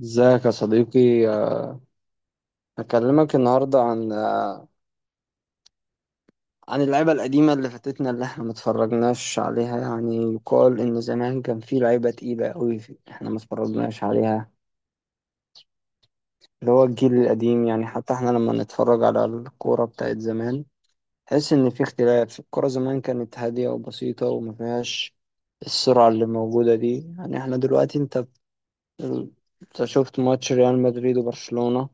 ازيك يا صديقي؟ هكلمك النهاردة عن اللعيبة القديمة اللي فاتتنا، اللي احنا متفرجناش عليها. يعني يقال ان زمان كان في لعيبة تقيلة قوي احنا متفرجناش عليها، اللي هو الجيل القديم. يعني حتى احنا لما نتفرج على الكورة بتاعت زمان، تحس ان في اختلاف. الكورة زمان كانت هادية وبسيطة وما فيهاش السرعة اللي موجودة دي. يعني احنا دلوقتي انت شفت ماتش ريال مدريد وبرشلونة.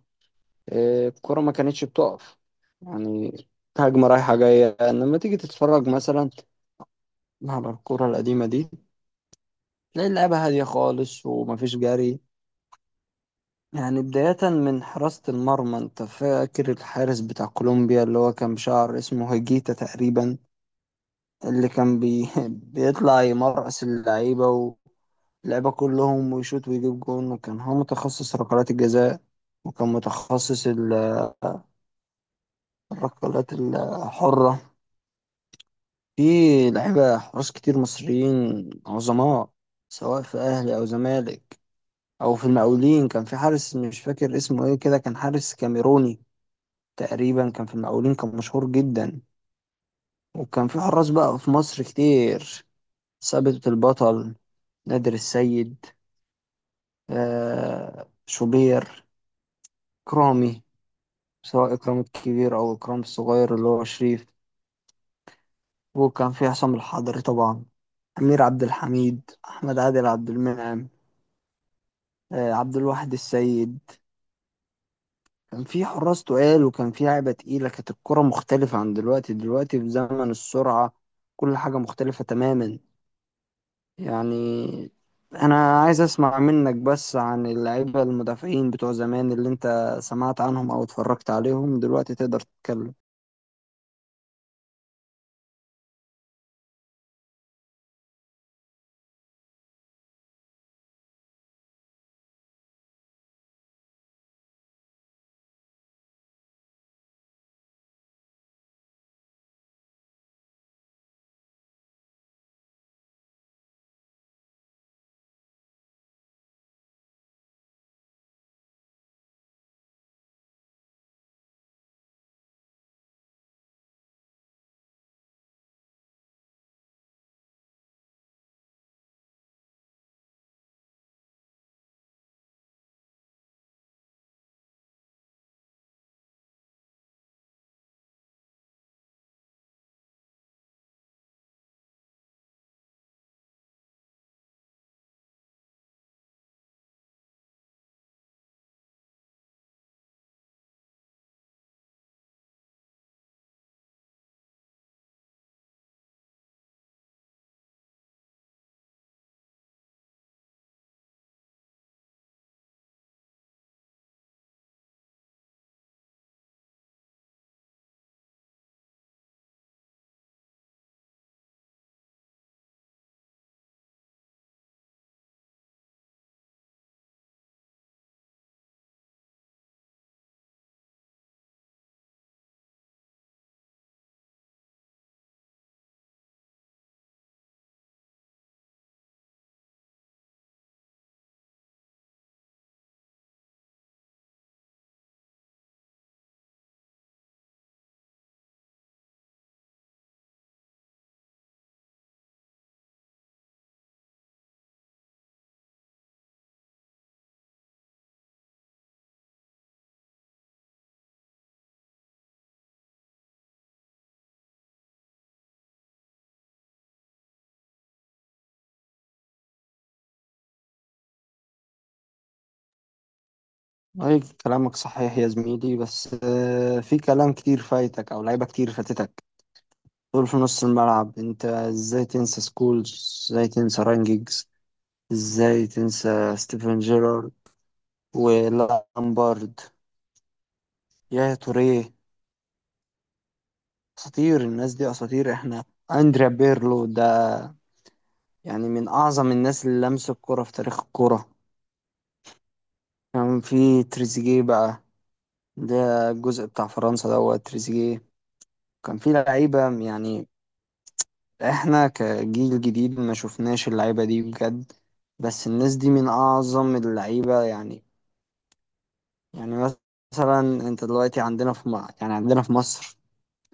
الكرة ما كانتش بتقف، يعني هجمة رايحة جاية. لما تيجي تتفرج مثلا على الكرة القديمة دي، تلاقي اللعبة هادية خالص ومفيش جري. يعني بداية من حراسة المرمى، انت فاكر الحارس بتاع كولومبيا اللي هو كان بشعر، اسمه هيجيتا تقريبا، اللي كان بيطلع يمرقص اللعيبة واللعيبة كلهم ويشوط ويجيب جون، وكان هو متخصص ركلات الجزاء، وكان متخصص الركلات الحرة. في لعيبة حراس كتير مصريين عظماء، سواء في أهلي أو زمالك أو في المقاولين. كان في حارس مش فاكر اسمه إيه كده، كان حارس كاميروني تقريبا، كان في المقاولين، كان مشهور جدا. وكان في حراس بقى في مصر كتير: ثابت البطل، نادر السيد، شوبير، إكرامي، سواء إكرام الكبير أو إكرام الصغير اللي هو شريف، وكان في حسام الحضري طبعا، أمير عبد الحميد، أحمد عادل، عبد المنعم، عبد الواحد السيد. كان في حراس تقال وكان في لعبة تقيلة. كانت الكرة مختلفة عن دلوقتي. دلوقتي في زمن السرعة كل حاجة مختلفة تماما. يعني أنا عايز أسمع منك بس عن اللعيبة المدافعين بتوع زمان اللي أنت سمعت عنهم أو اتفرجت عليهم. دلوقتي تقدر تتكلم. أي كلامك صحيح يا زميلي، بس في كلام كتير فايتك أو لعيبة كتير فاتتك. دول في نص الملعب. أنت إزاي تنسى سكولز؟ إزاي تنسى رانجيجز؟ ازاي تنسى ستيفن جيرارد ولامبارد يا توريه؟ اساطير، الناس دي اساطير. احنا اندريا بيرلو ده، يعني من اعظم الناس اللي لمسوا الكرة في تاريخ الكرة. كان في تريزيجيه بقى، ده الجزء بتاع فرنسا دوت تريزيجيه. كان في لعيبة، يعني احنا كجيل جديد ما شفناش اللعيبة دي بجد، بس الناس دي من اعظم اللعيبة. يعني يعني مثلا انت دلوقتي عندنا يعني عندنا في مصر،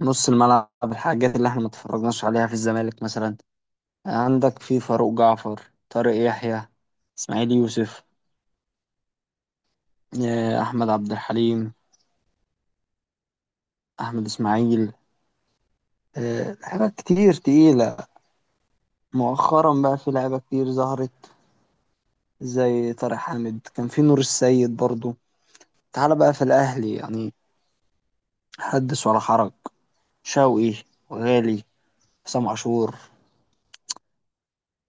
نص الملعب الحاجات اللي احنا ما اتفرجناش عليها في الزمالك مثلا: عندك في فاروق جعفر، طارق يحيى، اسماعيل يوسف، احمد عبد الحليم، احمد اسماعيل، حاجات كتير تقيلة. مؤخرا بقى في لعيبة كتير ظهرت زي طارق حامد. كان في نور السيد برضو. تعال بقى في الاهلي، يعني حدث ولا حرج: شوقي وغالي، حسام عاشور،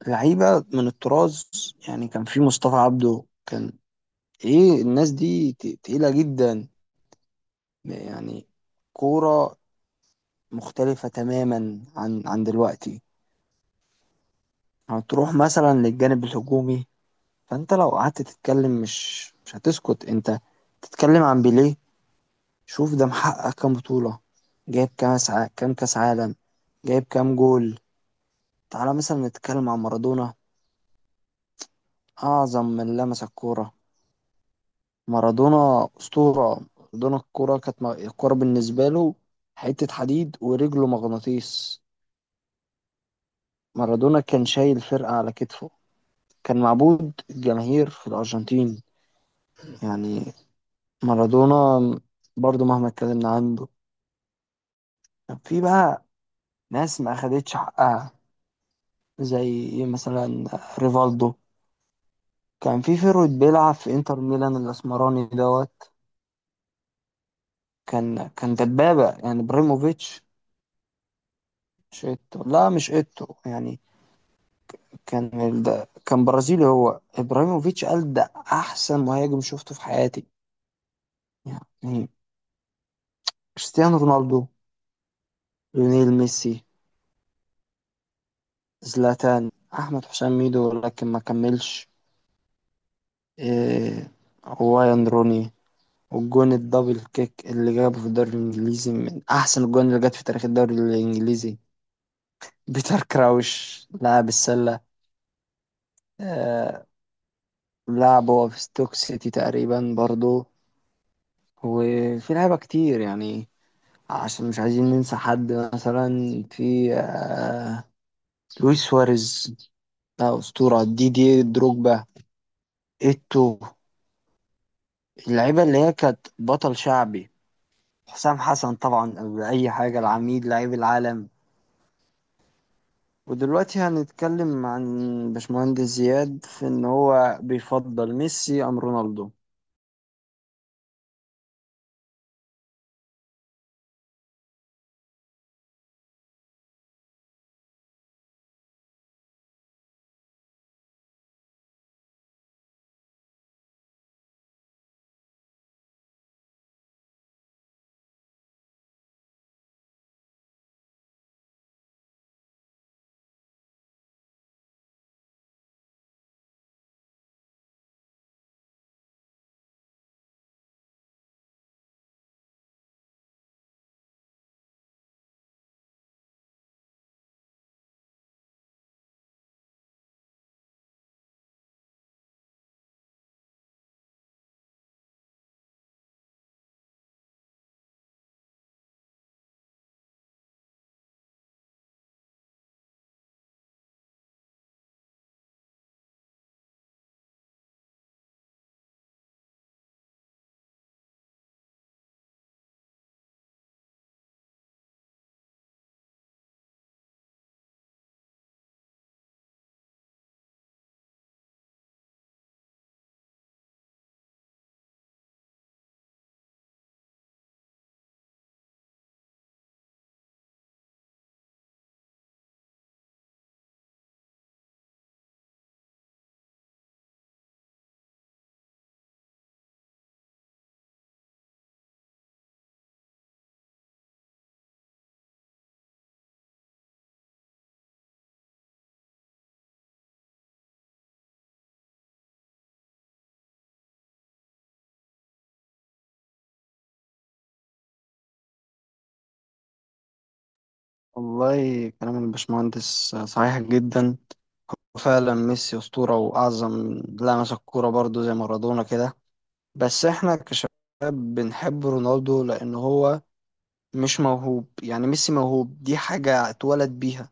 لعيبة من الطراز. يعني كان في مصطفى عبده. كان ايه الناس دي، تقيلة جدا. يعني كورة مختلفة تماما عن دلوقتي. هتروح مثلا للجانب الهجومي، فانت لو قعدت تتكلم مش هتسكت. انت تتكلم عن بيليه، شوف ده محقق كام بطولة، جايب كام كام كاس عالم، جايب كام جول. تعالى مثلا نتكلم عن مارادونا، اعظم من لمس الكورة. مارادونا اسطورة. مارادونا الكورة كانت الكورة بالنسبة له حتة حديد ورجله مغناطيس. مارادونا كان شايل فرقة على كتفه، كان معبود الجماهير في الأرجنتين. يعني مارادونا، برضو مهما اتكلمنا عنه. كان في بقى ناس ما أخدتش حقها، زي مثلا ريفالدو. كان في فيرويد بيلعب في انتر ميلان الأسمراني دوت، كان دبابة، يعني ابراهيموفيتش. مش ايتو، لا مش ايتو، يعني كان ده كان برازيلي. هو ابراهيموفيتش قال ده احسن مهاجم شفته في حياتي. يعني كريستيانو رونالدو، ليونيل ميسي، زلاتان، أحمد حسام ميدو لكن ما كملش. إيه، وايان روني والجون الدبل كيك اللي جابه في الدوري الإنجليزي، من أحسن الجون اللي جت في تاريخ الدوري الإنجليزي. بيتر كراوش لاعب السلة، آه لعب هو في ستوك سيتي تقريبا برضو. وفي لعيبة كتير يعني، عشان مش عايزين ننسى حد. مثلا في لويس سواريز، ده أسطورة. دي دروجبا، إيتو، اللعيبة اللي هي كانت بطل شعبي. حسام حسن طبعا، قبل أي حاجة، العميد، لعيب العالم. ودلوقتي هنتكلم عن باشمهندس زياد في إن هو بيفضل ميسي أم رونالدو؟ والله كلام الباشمهندس صحيح جدا، وفعلا ميسي أسطورة وأعظم لمس الكورة برضه زي مارادونا كده. بس إحنا كشباب بنحب رونالدو لأن هو مش موهوب. يعني ميسي موهوب، دي حاجة اتولد بيها،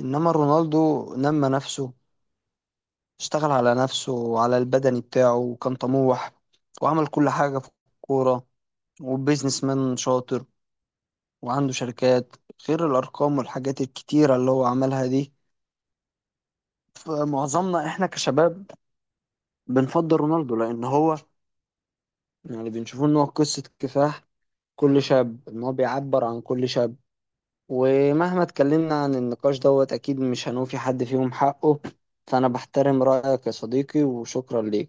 إنما رونالدو نمى نفسه، اشتغل على نفسه وعلى البدني بتاعه وكان طموح، وعمل كل حاجة في الكورة. وبيزنس مان شاطر وعنده شركات، غير الأرقام والحاجات الكتيرة اللي هو عملها دي. فمعظمنا إحنا كشباب بنفضل رونالدو، لأن هو يعني بنشوفه إن هو قصة كفاح كل شاب، إن هو بيعبر عن كل شاب. ومهما اتكلمنا عن النقاش دوت أكيد مش هنوفي حد فيهم حقه. فأنا بحترم رأيك يا صديقي وشكرا ليك.